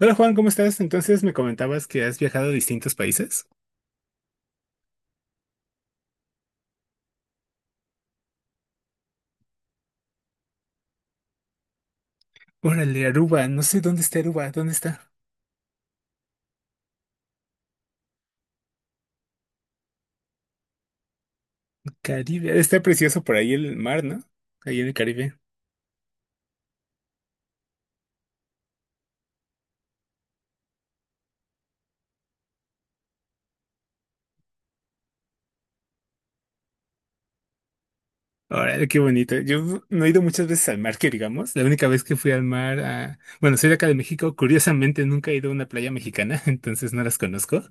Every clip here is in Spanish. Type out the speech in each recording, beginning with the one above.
Hola Juan, ¿cómo estás? Entonces me comentabas que has viajado a distintos países. Órale, Aruba, no sé dónde está Aruba, ¿dónde está? Caribe, está precioso por ahí el mar, ¿no? Ahí en el Caribe. Órale, qué bonito. Yo no he ido muchas veces al mar, que digamos. La única vez que fui al mar, a... bueno, soy de acá de México, curiosamente nunca he ido a una playa mexicana, entonces no las conozco.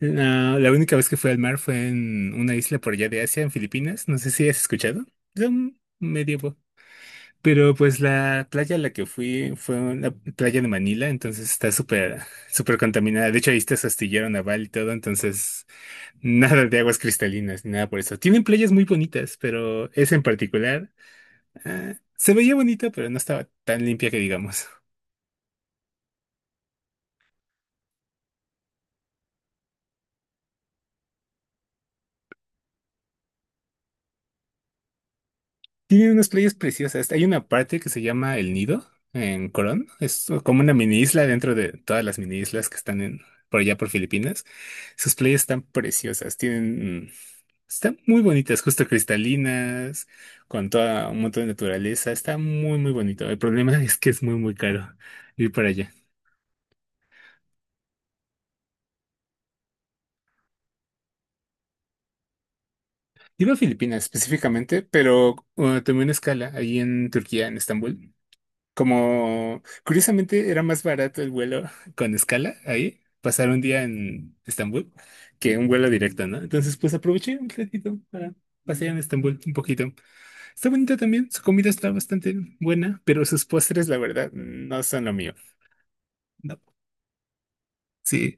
La única vez que fui al mar fue en una isla por allá de Asia, en Filipinas, no sé si has escuchado. Es un medio. Pero pues la playa a la que fui fue una playa de Manila, entonces está súper, súper contaminada. De hecho, ahí está su astillero naval y todo, entonces nada de aguas cristalinas ni nada por eso. Tienen playas muy bonitas, pero esa en particular se veía bonita, pero no estaba tan limpia que digamos. Tienen unas playas preciosas. Hay una parte que se llama El Nido en Corón. Es como una mini isla dentro de todas las mini islas que están en, por allá por Filipinas. Sus playas están preciosas. Tienen están muy bonitas, justo cristalinas, con toda un montón de naturaleza. Está muy, muy bonito. El problema es que es muy, muy caro ir para allá. Iba a Filipinas específicamente, pero tomé una escala ahí en Turquía, en Estambul. Como curiosamente era más barato el vuelo con escala ahí, pasar un día en Estambul, que un vuelo directo, ¿no? Entonces, pues aproveché un ratito para pasear en Estambul un poquito. Está bonita también, su comida está bastante buena, pero sus postres, la verdad, no son lo mío. No, sí,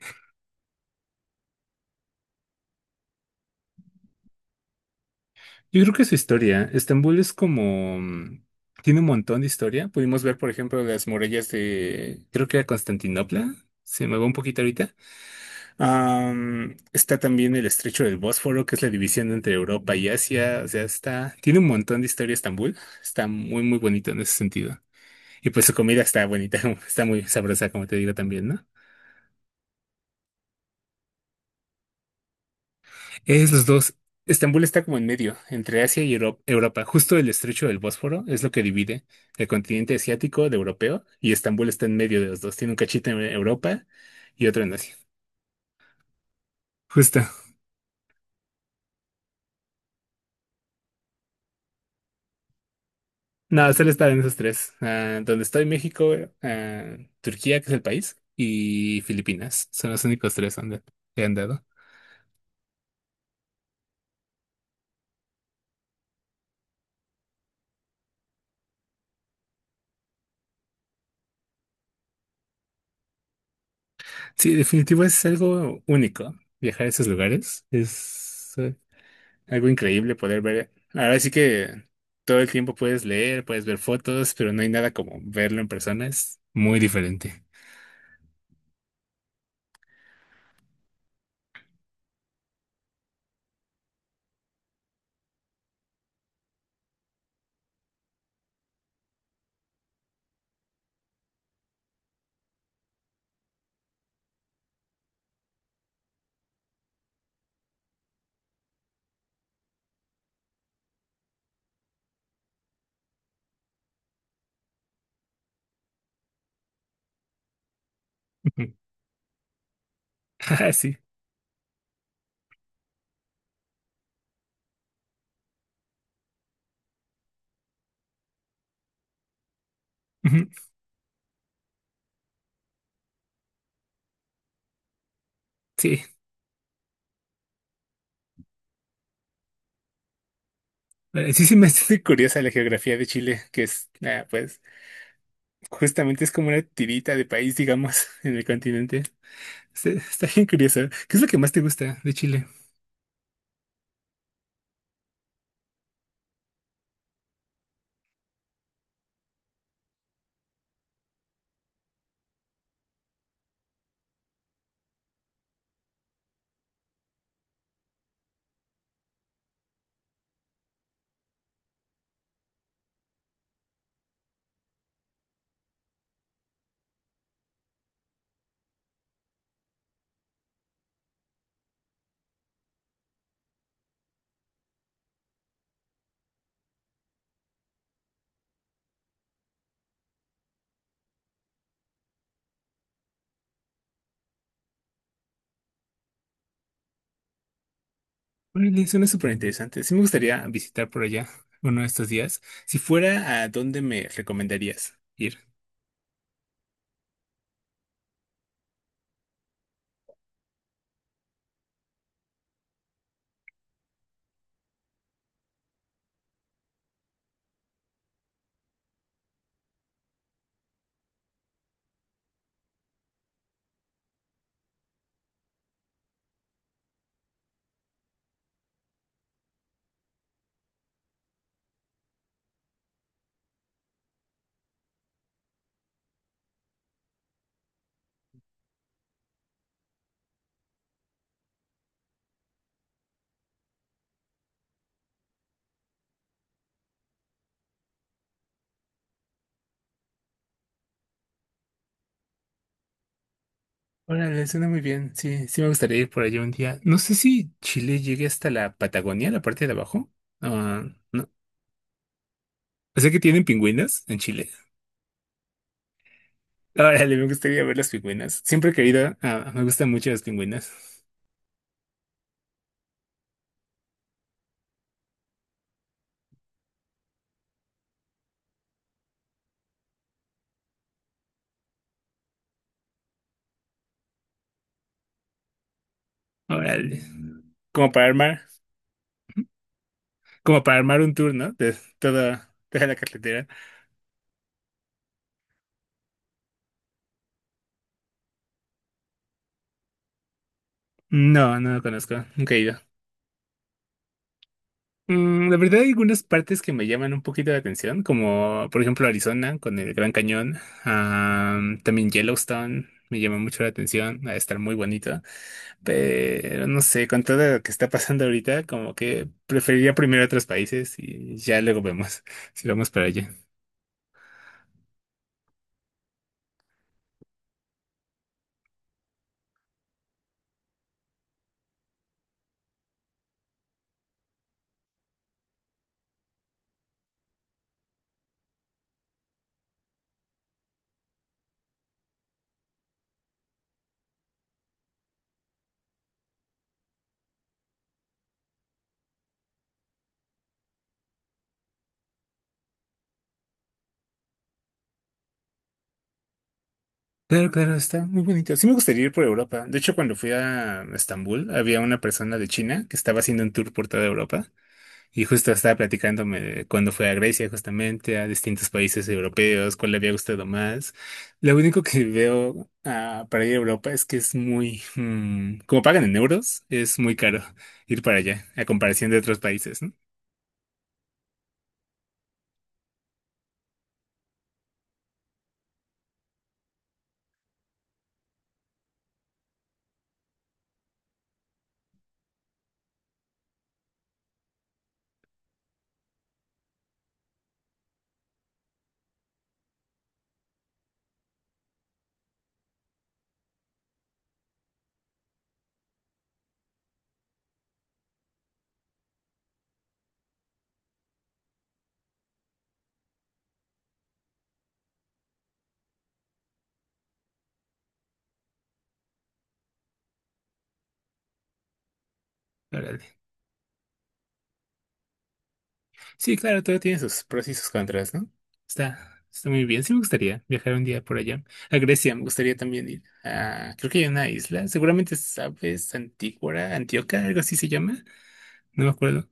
yo creo que su historia, Estambul es como, tiene un montón de historia. Pudimos ver, por ejemplo, las murallas de, creo que era Constantinopla, se me va un poquito ahorita. Está también el Estrecho del Bósforo, que es la división entre Europa y Asia, o sea, está, tiene un montón de historia Estambul, está muy, muy bonito en ese sentido. Y pues su comida está bonita, está muy sabrosa, como te digo también, ¿no? Es los dos. Estambul está como en medio, entre Asia y Europa. Justo el estrecho del Bósforo es lo que divide el continente asiático de europeo y Estambul está en medio de los dos. Tiene un cachito en Europa y otro en Asia. Justo. No, solo está en esos tres. Ah, donde estoy, México, ah, Turquía, que es el país, y Filipinas. Son los únicos tres donde he andado. Sí, definitivo es algo único. Viajar a esos lugares es... algo increíble poder ver. Ahora sí que todo el tiempo puedes leer, puedes ver fotos, pero no hay nada como verlo en persona. Es muy diferente. Ujú. Ah, sí. Ujú. Sí. Sí, sí me hace curiosa la geografía de Chile, que es, pues, justamente es como una tirita de país, digamos, en el continente. Está, está bien curiosa. ¿Qué es lo que más te gusta de Chile? Órale, suena súper interesante. Sí me gustaría visitar por allá uno de estos días. Si fuera, ¿a dónde me recomendarías ir? Órale, suena muy bien. Sí, sí me gustaría ir por allá un día. No sé si Chile llegue hasta la Patagonia, la parte de abajo. Ah, no. Sé que tienen pingüinas en Chile. Órale, me gustaría ver las pingüinas. Siempre he querido, me gustan mucho las pingüinas. Órale. Como para armar, como para armar un tour, ¿no? De toda, toda la carretera. No, no lo conozco. Nunca he ido. Mm, la verdad hay algunas partes que me llaman un poquito la atención, como por ejemplo Arizona con el Gran Cañón, también Yellowstone me llama mucho la atención, va a estar muy bonito, pero no sé, con todo lo que está pasando ahorita, como que preferiría primero otros países y ya luego vemos si vamos para allá. Claro, claro, está muy bonito. Sí me gustaría ir por Europa. De hecho, cuando fui a Estambul, había una persona de China que estaba haciendo un tour por toda Europa. Y justo estaba platicándome de cuando fue a Grecia, justamente, a distintos países europeos, cuál le había gustado más. Lo único que veo para ir a Europa es que es muy, como pagan en euros, es muy caro ir para allá, a comparación de otros países, ¿no? Órale. Sí, claro, todo tiene sus pros y sus contras, ¿no? Está, está muy bien. Sí me gustaría viajar un día por allá. A Grecia me gustaría también ir. Ah, creo que hay una isla, seguramente sabes, Antígora, Antioquia, algo así se llama. No me acuerdo.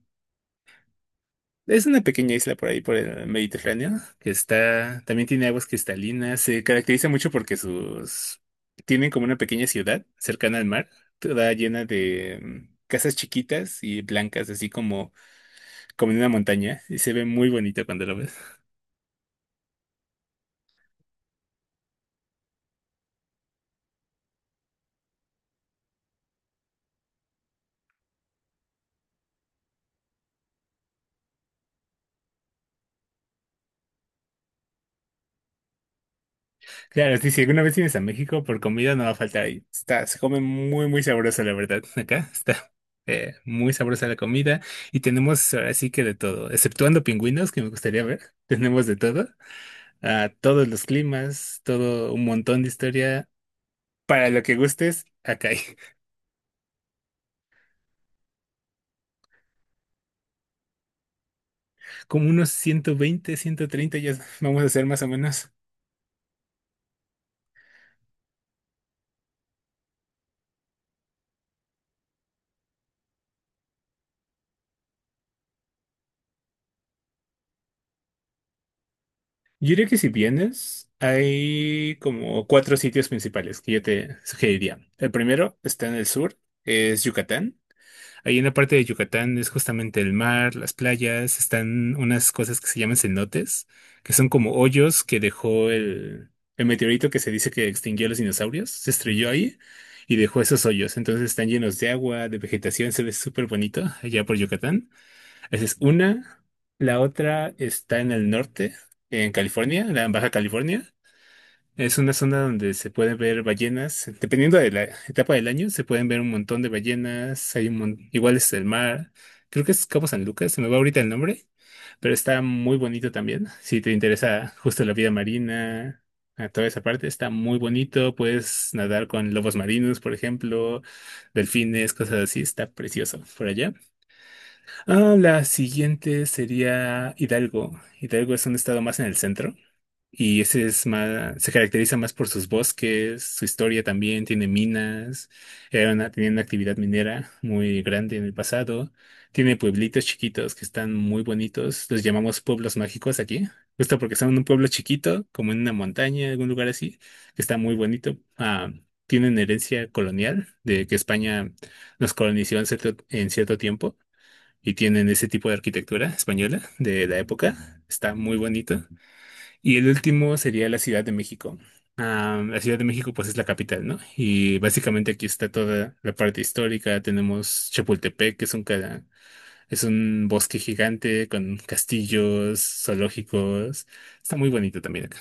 Es una pequeña isla por ahí, por el Mediterráneo, que está, también tiene aguas cristalinas. Se caracteriza mucho porque sus, tienen como una pequeña ciudad cercana al mar, toda llena de casas chiquitas y blancas, así como, como en una montaña, y se ve muy bonito cuando lo ves. Claro, sí, si alguna vez vienes a México, por comida no va a faltar ahí. Está, se come muy, muy sabroso, la verdad. Acá está muy sabrosa la comida y tenemos así que de todo, exceptuando pingüinos que me gustaría ver, tenemos de todo, a todos los climas, todo un montón de historia. Para lo que gustes, acá hay como unos 120 130 ya vamos a hacer más o menos. Yo diría que si vienes, hay como cuatro sitios principales que yo te sugeriría. El primero está en el sur, es Yucatán. Ahí en la parte de Yucatán es justamente el mar, las playas, están unas cosas que se llaman cenotes, que son como hoyos que dejó el meteorito que se dice que extinguió a los dinosaurios, se estrelló ahí y dejó esos hoyos. Entonces están llenos de agua, de vegetación, se ve súper bonito allá por Yucatán. Esa es una. La otra está en el norte, en California, la en Baja California. Es una zona donde se pueden ver ballenas, dependiendo de la etapa del año, se pueden ver un montón de ballenas, hay un igual es el mar, creo que es Cabo San Lucas, se me va ahorita el nombre, pero está muy bonito también, si te interesa justo la vida marina, a toda esa parte, está muy bonito, puedes nadar con lobos marinos, por ejemplo, delfines, cosas así, está precioso por allá. Ah, la siguiente sería Hidalgo, Hidalgo es un estado más en el centro. Y ese es más, se caracteriza más por sus bosques, su historia también, tiene minas, era una, tenía una actividad minera muy grande en el pasado, tiene pueblitos chiquitos que están muy bonitos, los llamamos pueblos mágicos aquí, justo porque son un pueblo chiquito, como en una montaña, algún lugar así, que está muy bonito. Ah, tienen herencia colonial de que España nos colonizó en cierto tiempo y tienen ese tipo de arquitectura española de la época, está muy bonito. Y el último sería la Ciudad de México. Ah, la Ciudad de México, pues es la capital, ¿no? Y básicamente aquí está toda la parte histórica. Tenemos Chapultepec, que es un, es un bosque gigante con castillos, zoológicos. Está muy bonito también acá.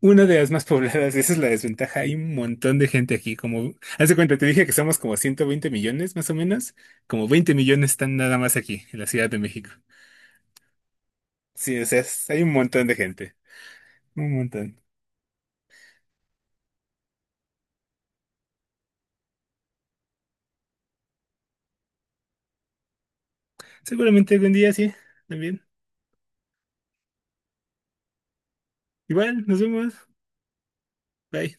Una de las más pobladas, esa es la desventaja. Hay un montón de gente aquí, como, haz de cuenta, te dije que somos como 120 millones, más o menos. Como 20 millones están nada más aquí, en la Ciudad de México. Sí, o sea, hay un montón de gente. Un montón. Seguramente algún día sí, también. Igual, nos vemos. Bye.